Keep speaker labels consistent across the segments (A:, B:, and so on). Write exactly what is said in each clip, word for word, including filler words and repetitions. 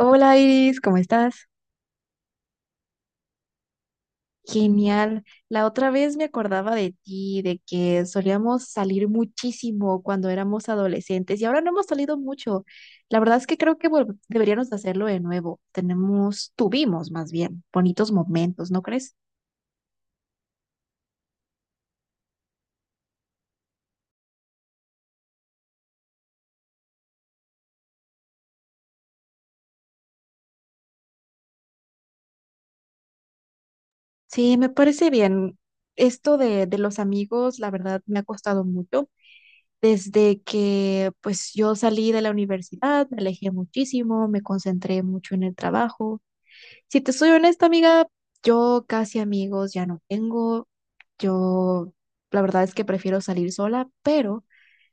A: Hola Iris, ¿cómo estás? Genial. La otra vez me acordaba de ti, de que solíamos salir muchísimo cuando éramos adolescentes y ahora no hemos salido mucho. La verdad es que creo que vol- deberíamos de hacerlo de nuevo. Tenemos, tuvimos más bien, bonitos momentos, ¿no crees? Sí, me parece bien. Esto de, de los amigos, la verdad, me ha costado mucho. Desde que pues yo salí de la universidad, me alejé muchísimo, me concentré mucho en el trabajo. Si te soy honesta, amiga, yo casi amigos ya no tengo. Yo, la verdad es que prefiero salir sola, pero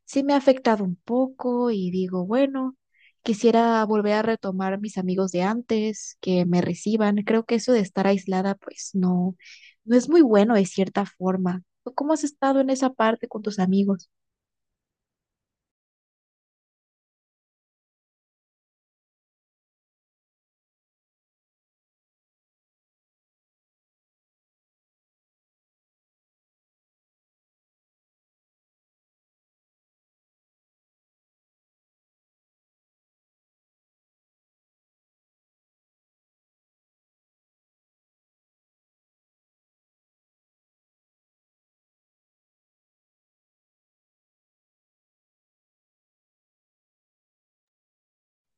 A: sí me ha afectado un poco y digo, bueno, quisiera volver a retomar mis amigos de antes, que me reciban. Creo que eso de estar aislada, pues no, no es muy bueno de cierta forma. ¿Tú ¿Cómo has estado en esa parte con tus amigos?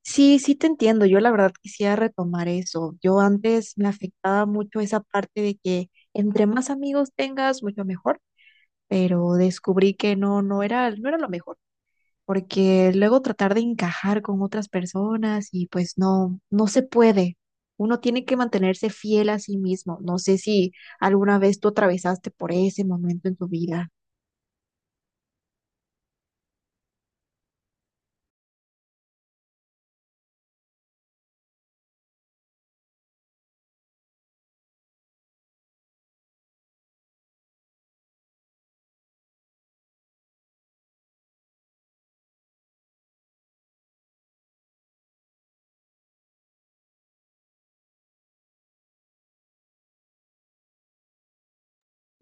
A: Sí, sí te entiendo. Yo la verdad quisiera retomar eso. Yo antes me afectaba mucho esa parte de que entre más amigos tengas, mucho mejor, pero descubrí que no, no era, no era lo mejor, porque luego tratar de encajar con otras personas y pues no, no se puede. Uno tiene que mantenerse fiel a sí mismo. No sé si alguna vez tú atravesaste por ese momento en tu vida.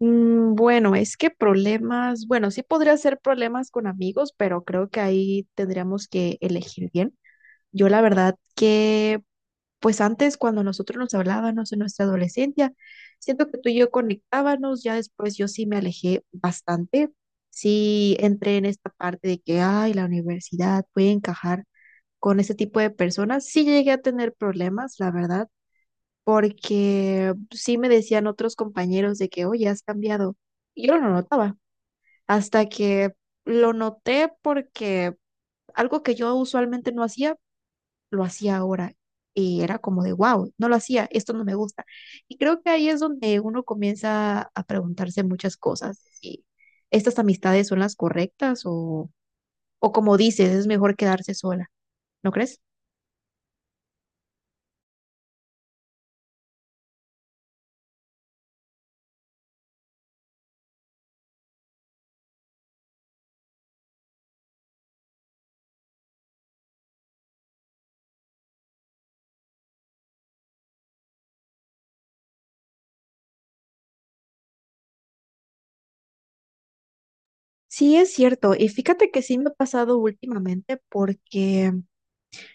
A: Mm, bueno, es que problemas, bueno, sí podría ser problemas con amigos, pero creo que ahí tendríamos que elegir bien. Yo la verdad que, pues antes cuando nosotros nos hablábamos en nuestra adolescencia, siento que tú y yo conectábamos, ya después yo sí me alejé bastante, sí entré en esta parte de que, ay, la universidad puede encajar con ese tipo de personas, sí llegué a tener problemas, la verdad, porque sí me decían otros compañeros de que, oye, has cambiado. Y yo no lo notaba, hasta que lo noté porque algo que yo usualmente no hacía, lo hacía ahora. Y era como de, wow, no lo hacía, esto no me gusta. Y creo que ahí es donde uno comienza a preguntarse muchas cosas, si estas amistades son las correctas o, o como dices, es mejor quedarse sola, ¿no crees? Sí, es cierto. Y fíjate que sí me ha pasado últimamente porque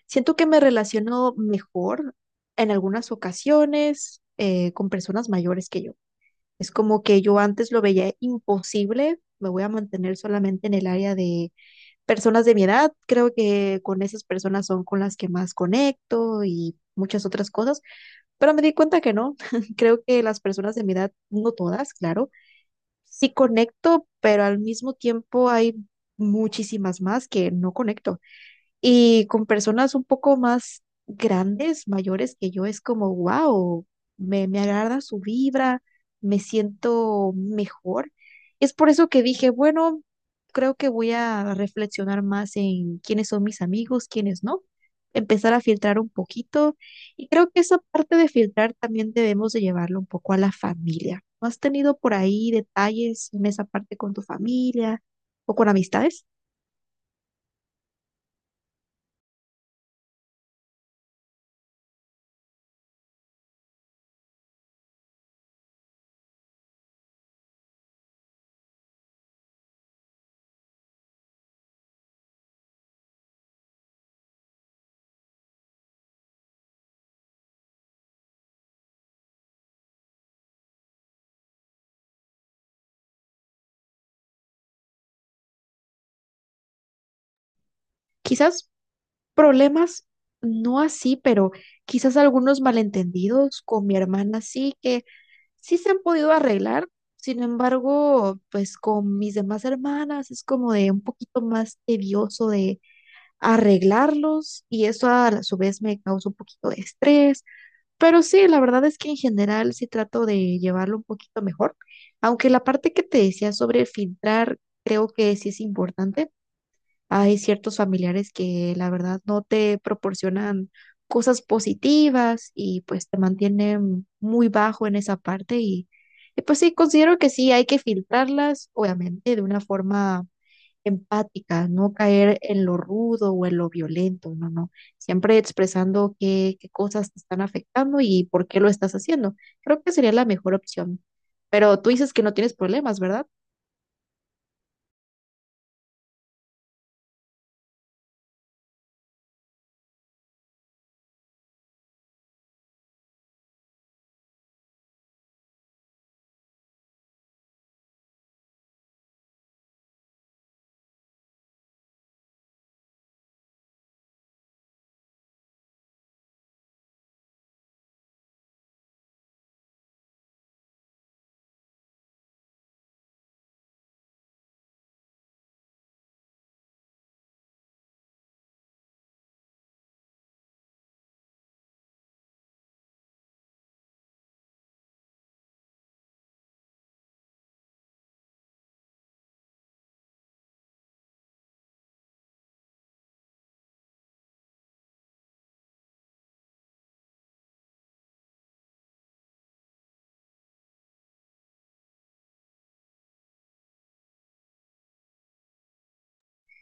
A: siento que me relaciono mejor en algunas ocasiones eh, con personas mayores que yo. Es como que yo antes lo veía imposible, me voy a mantener solamente en el área de personas de mi edad. Creo que con esas personas son con las que más conecto y muchas otras cosas, pero me di cuenta que no. Creo que las personas de mi edad, no todas, claro, sí conecto, pero al mismo tiempo hay muchísimas más que no conecto. Y con personas un poco más grandes, mayores que yo, es como, wow, me, me agrada su vibra, me siento mejor. Es por eso que dije, bueno, creo que voy a reflexionar más en quiénes son mis amigos, quiénes no, empezar a filtrar un poquito. Y creo que esa parte de filtrar también debemos de llevarlo un poco a la familia. ¿No has tenido por ahí detalles en esa parte con tu familia o con amistades? Quizás problemas, no así, pero quizás algunos malentendidos con mi hermana sí que sí se han podido arreglar. Sin embargo, pues con mis demás hermanas es como de un poquito más tedioso de arreglarlos y eso a la- su vez me causa un poquito de estrés. Pero sí, la verdad es que en general sí trato de llevarlo un poquito mejor, aunque la parte que te decía sobre filtrar creo que sí es importante. Hay ciertos familiares que la verdad no te proporcionan cosas positivas y pues te mantienen muy bajo en esa parte y, y, pues sí, considero que sí, hay que filtrarlas, obviamente, de una forma empática, no caer en lo rudo o en lo violento, no, no, siempre expresando qué, qué cosas te están afectando y por qué lo estás haciendo. Creo que sería la mejor opción. Pero tú dices que no tienes problemas, ¿verdad?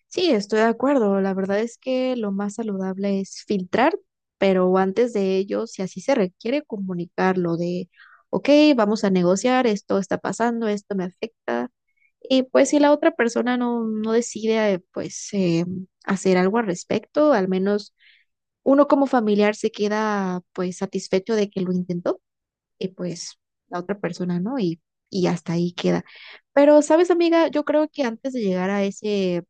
A: Sí, estoy de acuerdo. La verdad es que lo más saludable es filtrar, pero antes de ello, si así se requiere, comunicarlo de, ok, vamos a negociar, esto está pasando, esto me afecta. Y pues si la otra persona no, no decide, eh, pues eh, hacer algo al respecto, al menos uno como familiar se queda pues satisfecho de que lo intentó y pues la otra persona no, y, y hasta ahí queda. Pero, ¿sabes, amiga? Yo creo que antes de llegar a ese,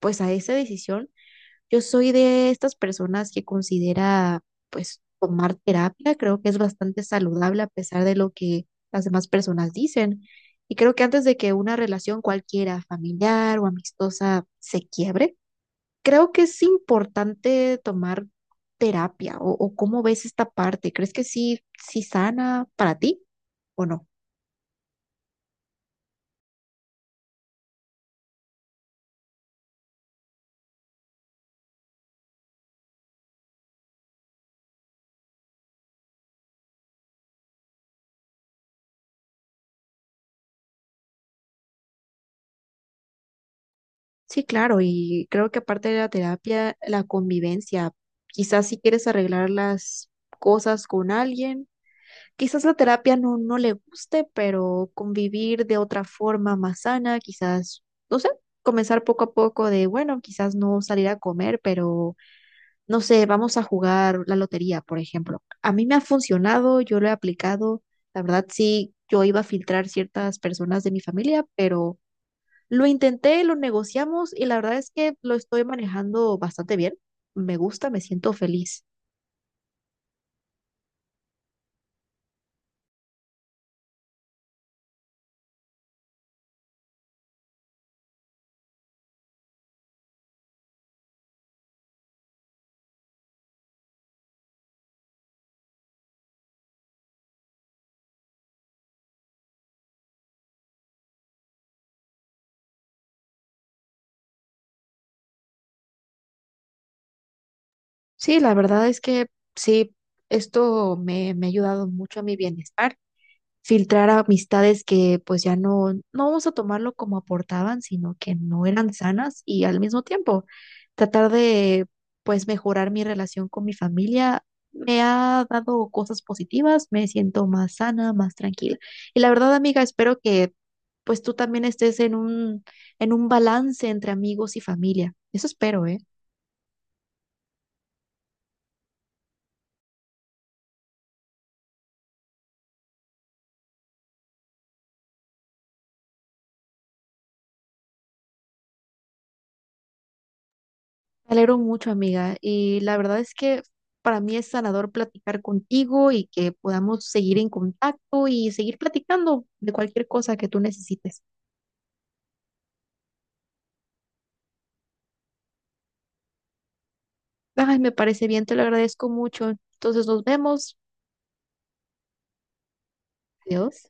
A: pues a esa decisión, yo soy de estas personas que considera, pues, tomar terapia. Creo que es bastante saludable a pesar de lo que las demás personas dicen. Y creo que antes de que una relación cualquiera, familiar o amistosa, se quiebre, creo que es importante tomar terapia. ¿O, o cómo ves esta parte? ¿Crees que sí, sí sana para ti o no? Sí, claro. Y creo que aparte de la terapia, la convivencia, quizás si quieres arreglar las cosas con alguien. Quizás la terapia no, no le guste, pero convivir de otra forma más sana, quizás, no sé, comenzar poco a poco de, bueno, quizás no salir a comer, pero no sé, vamos a jugar la lotería, por ejemplo. A mí me ha funcionado, yo lo he aplicado. La verdad, sí, yo iba a filtrar ciertas personas de mi familia, pero lo intenté, lo negociamos y la verdad es que lo estoy manejando bastante bien. Me gusta, me siento feliz. Sí, la verdad es que sí, esto me, me ha ayudado mucho a mi bienestar, filtrar amistades que pues ya no, no vamos a tomarlo como aportaban, sino que no eran sanas y al mismo tiempo tratar de pues mejorar mi relación con mi familia. Me ha dado cosas positivas, me siento más sana, más tranquila. Y la verdad, amiga, espero que pues tú también estés en un, en un balance entre amigos y familia. Eso espero, ¿eh? Me alegro mucho, amiga, y la verdad es que para mí es sanador platicar contigo y que podamos seguir en contacto y seguir platicando de cualquier cosa que tú necesites. Ay, me parece bien, te lo agradezco mucho. Entonces nos vemos. Adiós.